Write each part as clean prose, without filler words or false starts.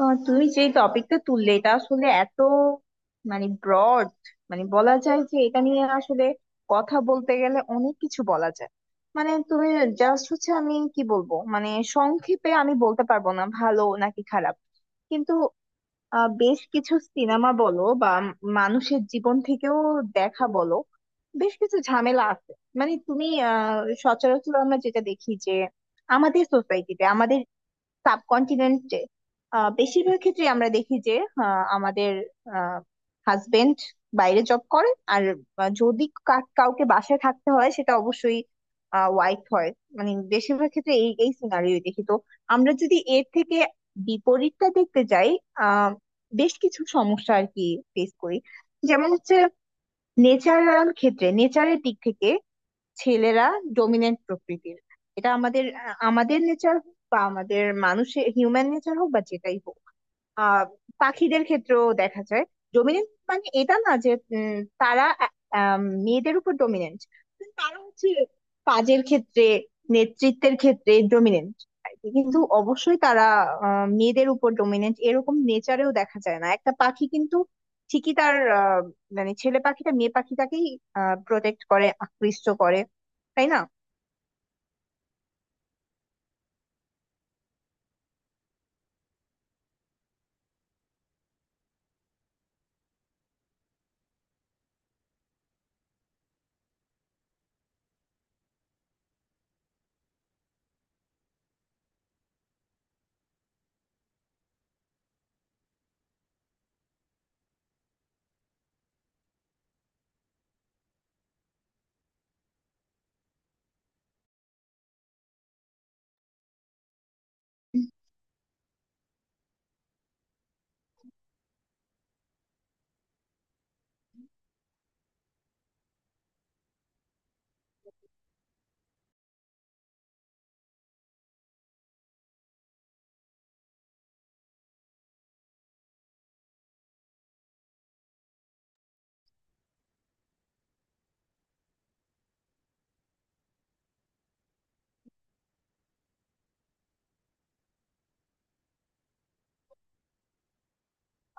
তুমি যে টপিকটা তুললে এটা আসলে এত ব্রড, মানে বলা যায় যে এটা নিয়ে আসলে কথা বলতে গেলে অনেক কিছু বলা যায়। মানে তুমি জাস্ট হচ্ছে আমি কি বলবো, মানে সংক্ষেপে আমি বলতে পারবো না ভালো নাকি খারাপ। কিন্তু বেশ কিছু সিনেমা বলো বা মানুষের জীবন থেকেও দেখা বলো, বেশ কিছু ঝামেলা আছে। মানে তুমি আহ সচরাচর আমরা যেটা দেখি যে আমাদের সোসাইটিতে, আমাদের সাবকন্টিনেন্টে বেশিরভাগ ক্ষেত্রে আমরা দেখি যে আমাদের হাজবেন্ড বাইরে জব করে, আর যদি কাউকে বাসায় থাকতে হয় সেটা অবশ্যই ওয়াইফ হয়। মানে বেশিরভাগ ক্ষেত্রে এই এই সিনারিও দেখি। তো আমরা যদি এর থেকে বিপরীতটা দেখতে যাই, আহ বেশ কিছু সমস্যা আর কি ফেস করি। যেমন হচ্ছে নেচারাল ক্ষেত্রে, নেচারের দিক থেকে ছেলেরা ডমিনেন্ট প্রকৃতির। এটা আমাদের আমাদের নেচার হোক বা আমাদের মানুষের হিউম্যান নেচার হোক বা যেটাই হোক, আহ পাখিদের ক্ষেত্রেও দেখা যায়। ডমিনেন্ট মানে এটা না যে, উম, তারা মেয়েদের উপর ডমিনেন্ট। তারা হচ্ছে কাজের ক্ষেত্রে, নেতৃত্বের ক্ষেত্রে ডমিনেন্ট। কিন্তু অবশ্যই তারা মেয়েদের উপর ডমিনেন্ট এরকম নেচারেও দেখা যায় না, একটা পাখি কিন্তু ঠিকই তার মানে ছেলে পাখিটা মেয়ে পাখিটাকেই প্রোটেক্ট করে, আকৃষ্ট করে, তাই না?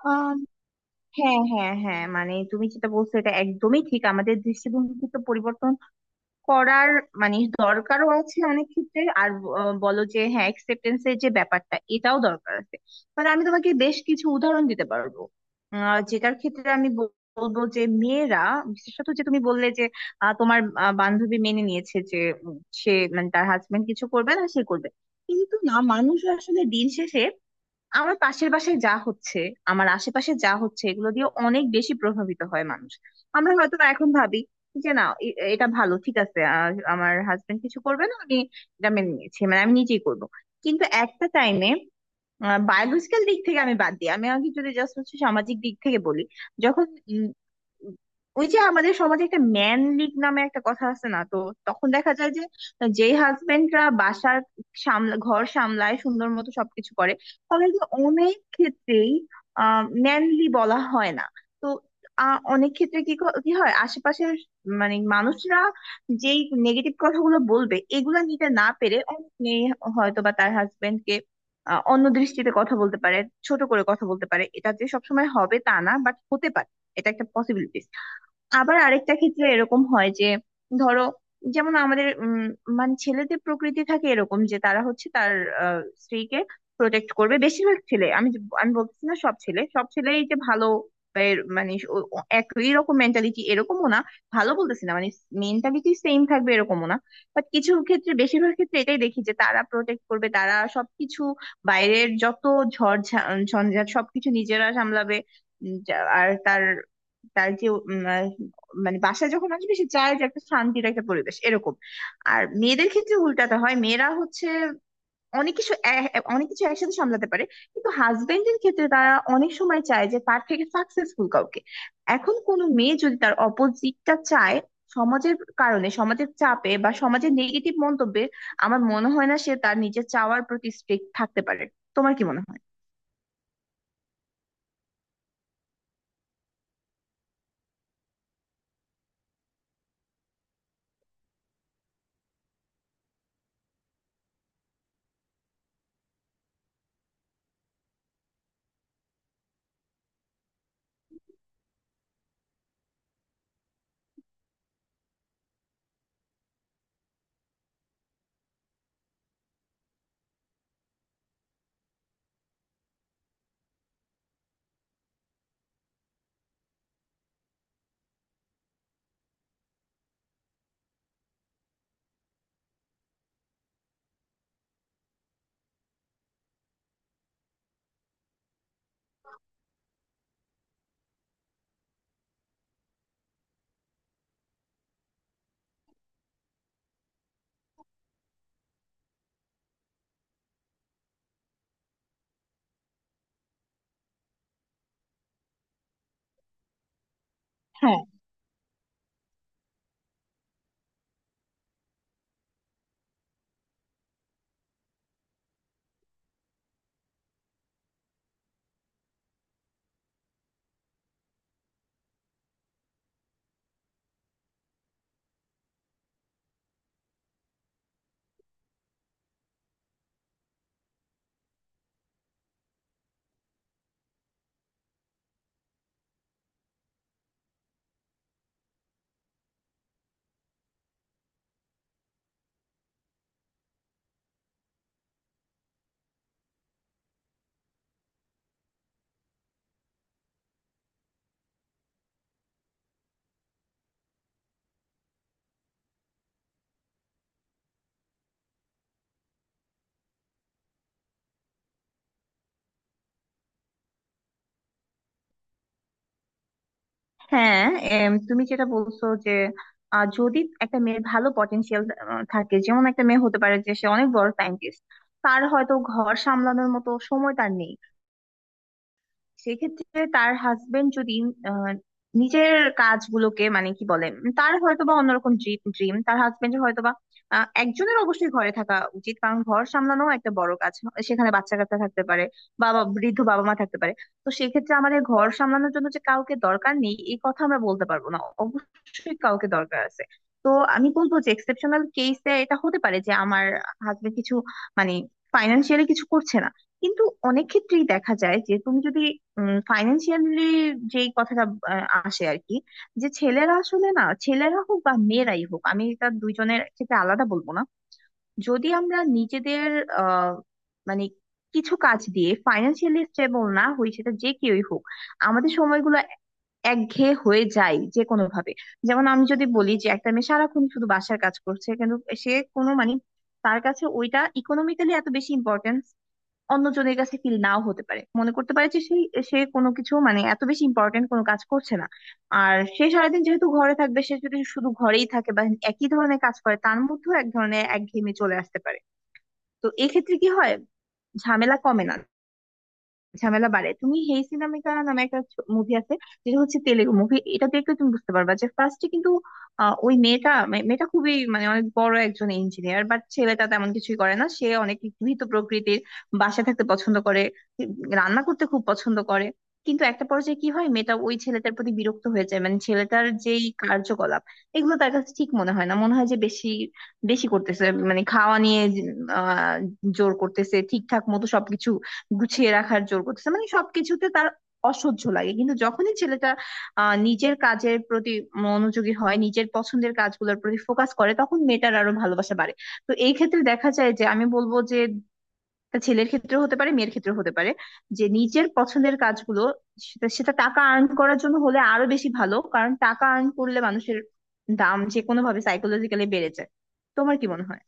আম, হ্যাঁ, হ্যাঁ, হ্যাঁ, মানে তুমি যেটা বলছো এটা একদমই ঠিক, আমাদের দৃষ্টিভঙ্গি তো পরিবর্তন করার মানে দরকারও আছে অনেক ক্ষেত্রে। আর ব- আহ বলো যে হ্যাঁ, অ্যাকসেপ্টেন্স এর যে ব্যাপারটা, এটাও দরকার আছে। মানে আমি তোমাকে বেশ কিছু উদাহরণ দিতে পারবো যেটার ক্ষেত্রে আমি বলবো যে মেয়েরা, বিশেষত যে তুমি বললে যে তোমার বান্ধবী মেনে নিয়েছে যে সে মানে তার হাজবেন্ড কিছু করবে না, সে করবে। কিন্তু না, মানুষ আসলে দিন শেষে আমার পাশের বাসায় যা হচ্ছে, আমার আশেপাশে যা হচ্ছে এগুলো দিয়ে অনেক বেশি প্রভাবিত হয় মানুষ। আমরা হয়তো বা এখন ভাবি যে না এটা ভালো, ঠিক আছে, আমার হাজবেন্ড কিছু করবে না, আমি এটা মেনে নিয়েছি, মানে আমি নিজেই করব। কিন্তু একটা টাইমে বায়োলজিক্যাল দিক থেকে আমি বাদ দিই, আমি আগে যদি জাস্ট হচ্ছে সামাজিক দিক থেকে বলি, যখন উম, ওই যে আমাদের সমাজে একটা ম্যান লিগ নামে একটা কথা আছে না, তো তখন দেখা যায় যে যে হাজবেন্ডরা বাসার সামলা, ঘর সামলায়, সুন্দর মতো সবকিছু করে, তাদেরকে অনেক ক্ষেত্রেই ম্যানলি বলা হয় না। তো অনেক ক্ষেত্রে কি কি হয়, আশেপাশের মানে মানুষরা যেই নেগেটিভ কথাগুলো বলবে এগুলো নিতে না পেরে অনেক মেয়ে হয়তো বা তার হাজবেন্ডকে অন্য দৃষ্টিতে কথা বলতে পারে, ছোট করে কথা বলতে পারে। এটা যে সবসময় হবে তা না, বাট হতে পারে, এটা একটা পসিবিলিটিস। আবার আরেকটা ক্ষেত্রে এরকম হয় যে, ধরো, যেমন আমাদের মানে ছেলেদের প্রকৃতি থাকে এরকম যে তারা হচ্ছে তার আহ, স্ত্রীকে প্রোটেক্ট করবে। বেশিরভাগ ছেলে, আমি আমি বলছি না সব ছেলে, সব ছেলেই যে ভালো বা মানে ও একই রকম মেন্টালিটি এরকমও না, ভালো বলতেছি না মানে মেন্টালিটি সেম থাকবে এরকমও না। বাট কিছু ক্ষেত্রে, বেশিরভাগ ক্ষেত্রে এটাই দেখি যে তারা প্রোটেক্ট করবে, তারা সবকিছু বাইরের যত ঝড় ঝঞ্ঝাট সবকিছু নিজেরা সামলাবে। আর তার, তার যে মানে বাসায় যখন আসবে সে চায় যে একটা শান্তির একটা পরিবেশ এরকম। আর মেয়েদের ক্ষেত্রে উল্টাটা হয়, মেয়েরা হচ্ছে অনেক কিছু অনেক কিছু একসাথে সামলাতে পারে। কিন্তু হাজবেন্ডের ক্ষেত্রে তারা অনেক সময় চায় যে তার থেকে সাকসেসফুল কাউকে। এখন কোনো মেয়ে যদি তার অপোজিটটা চায়, সমাজের কারণে, সমাজের চাপে বা সমাজের নেগেটিভ মন্তব্যে আমার মনে হয় না সে তার নিজের চাওয়ার প্রতি স্ট্রিক্ট থাকতে পারে। তোমার কি মনে হয়? হ্যাঁ, তুমি যেটা বলছো যে যদি একটা মেয়ের ভালো পটেনশিয়াল থাকে, যেমন একটা মেয়ে হতে পারে যে সে অনেক বড় সায়েন্টিস্ট, তার হয়তো ঘর সামলানোর মতো সময় তার নেই। সেক্ষেত্রে তার হাজবেন্ড যদি আহ, নিজের কাজগুলোকে, মানে কি বলে, তার হয়তোবা অন্যরকম ড্রিম, তার হাজবেন্ডের হয়তোবা, একজনের অবশ্যই ঘরে থাকা উচিত কারণ ঘর সামলানো একটা বড় কাজ। সেখানে বাচ্চা কাচ্চা থাকতে পারে, বাবা, বৃদ্ধ বাবা মা থাকতে পারে। তো সেক্ষেত্রে আমাদের ঘর সামলানোর জন্য যে কাউকে দরকার নেই এই কথা আমরা বলতে পারবো না, অবশ্যই কাউকে দরকার আছে। তো আমি বলবো যে এক্সেপশনাল কেসে এটা হতে পারে যে আমার হাজবেন্ড কিছু, মানে ফাইনান্সিয়ালি কিছু করছে না। কিন্তু অনেক ক্ষেত্রেই দেখা যায় যে তুমি যদি ফাইন্যান্সিয়ালি, যেই কথাটা আসে আর কি, যে ছেলেরা আসলে না, ছেলেরা হোক বা মেয়েরাই হোক আমি এটা দুইজনের ক্ষেত্রে আলাদা বলবো না, যদি আমরা নিজেদের আহ মানে কিছু কাজ দিয়ে ফাইন্যান্সিয়ালি স্টেবল না হই, সেটা যে কেউই হোক, আমাদের সময়গুলো একঘেয়ে হয়ে যায় যে কোনো ভাবে। যেমন আমি যদি বলি যে একটা মেয়ে সারাক্ষণ শুধু বাসার কাজ করছে, কিন্তু সে কোনো মানে তার কাছে ওইটা ইকোনমিক্যালি এত বেশি ইম্পর্টেন্স অন্যজনের কাছে ফিল নাও হতে পারে, মনে করতে পারে যে সেই, সে কোনো কিছু মানে এত বেশি ইম্পর্টেন্ট কোনো কাজ করছে না। আর সে সারাদিন যেহেতু ঘরে থাকবে, সে যদি শুধু ঘরেই থাকে বা একই ধরনের কাজ করে তার মধ্যেও এক ধরনের একঘেয়েমি চলে আসতে পারে। তো এক্ষেত্রে কি হয়, ঝামেলা কমে না, ঝামেলা বাড়ে। তুমি হেই সিনামিকা নামে একটা মুভি আছে, যেটা হচ্ছে তেলেগু মুভি, এটা দেখলে তুমি বুঝতে পারবা যে ফার্স্টে কিন্তু ওই মেয়েটা, মেয়েটা খুবই মানে অনেক বড় একজন ইঞ্জিনিয়ার, বাট ছেলেটা তেমন কিছুই করে না, সে অনেক গৃহীত প্রকৃতির, বাসায় থাকতে পছন্দ করে, রান্না করতে খুব পছন্দ করে। কিন্তু একটা পর্যায়ে কি হয়, মেয়েটা ওই ছেলেটার প্রতি বিরক্ত হয়ে যায়, মানে ছেলেটার যেই কার্যকলাপ এগুলো তার কাছে ঠিক মনে হয় না, মনে হয় যে বেশি বেশি করতেছে, মানে খাওয়া নিয়ে আহ জোর করতেছে, ঠিকঠাক মতো সবকিছু গুছিয়ে রাখার জোর করতেছে, মানে সবকিছুতে তার অসহ্য লাগে। কিন্তু যখনই ছেলেটা নিজের কাজের প্রতি মনোযোগী হয়, নিজের পছন্দের কাজগুলোর প্রতি ফোকাস করে, তখন মেয়েটার আরো ভালোবাসা বাড়ে। তো এই ক্ষেত্রে দেখা যায় যে আমি বলবো যে তা ছেলের ক্ষেত্রেও হতে পারে, মেয়ের ক্ষেত্রেও হতে পারে, যে নিজের পছন্দের কাজগুলো সেটা সেটা টাকা আর্ন করার জন্য হলে আরো বেশি ভালো, কারণ টাকা আর্ন করলে মানুষের দাম যে কোনো ভাবে সাইকোলজিক্যালি বেড়ে যায়। তোমার কি মনে হয়?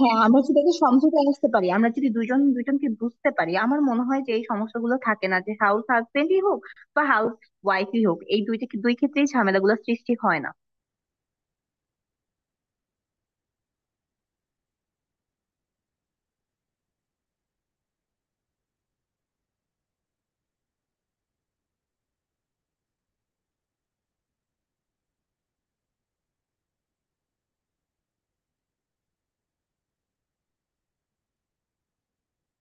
হ্যাঁ, আমরা যদি একটা সমঝোতায় আসতে পারি, আমরা যদি দুজন দুজনকে বুঝতে পারি, আমার মনে হয় যে এই সমস্যাগুলো থাকে না, যে হাউস হাজবেন্ডই হোক বা হাউস ওয়াইফই হোক, এই দুইটা দুই ক্ষেত্রেই ঝামেলাগুলো সৃষ্টি হয় না।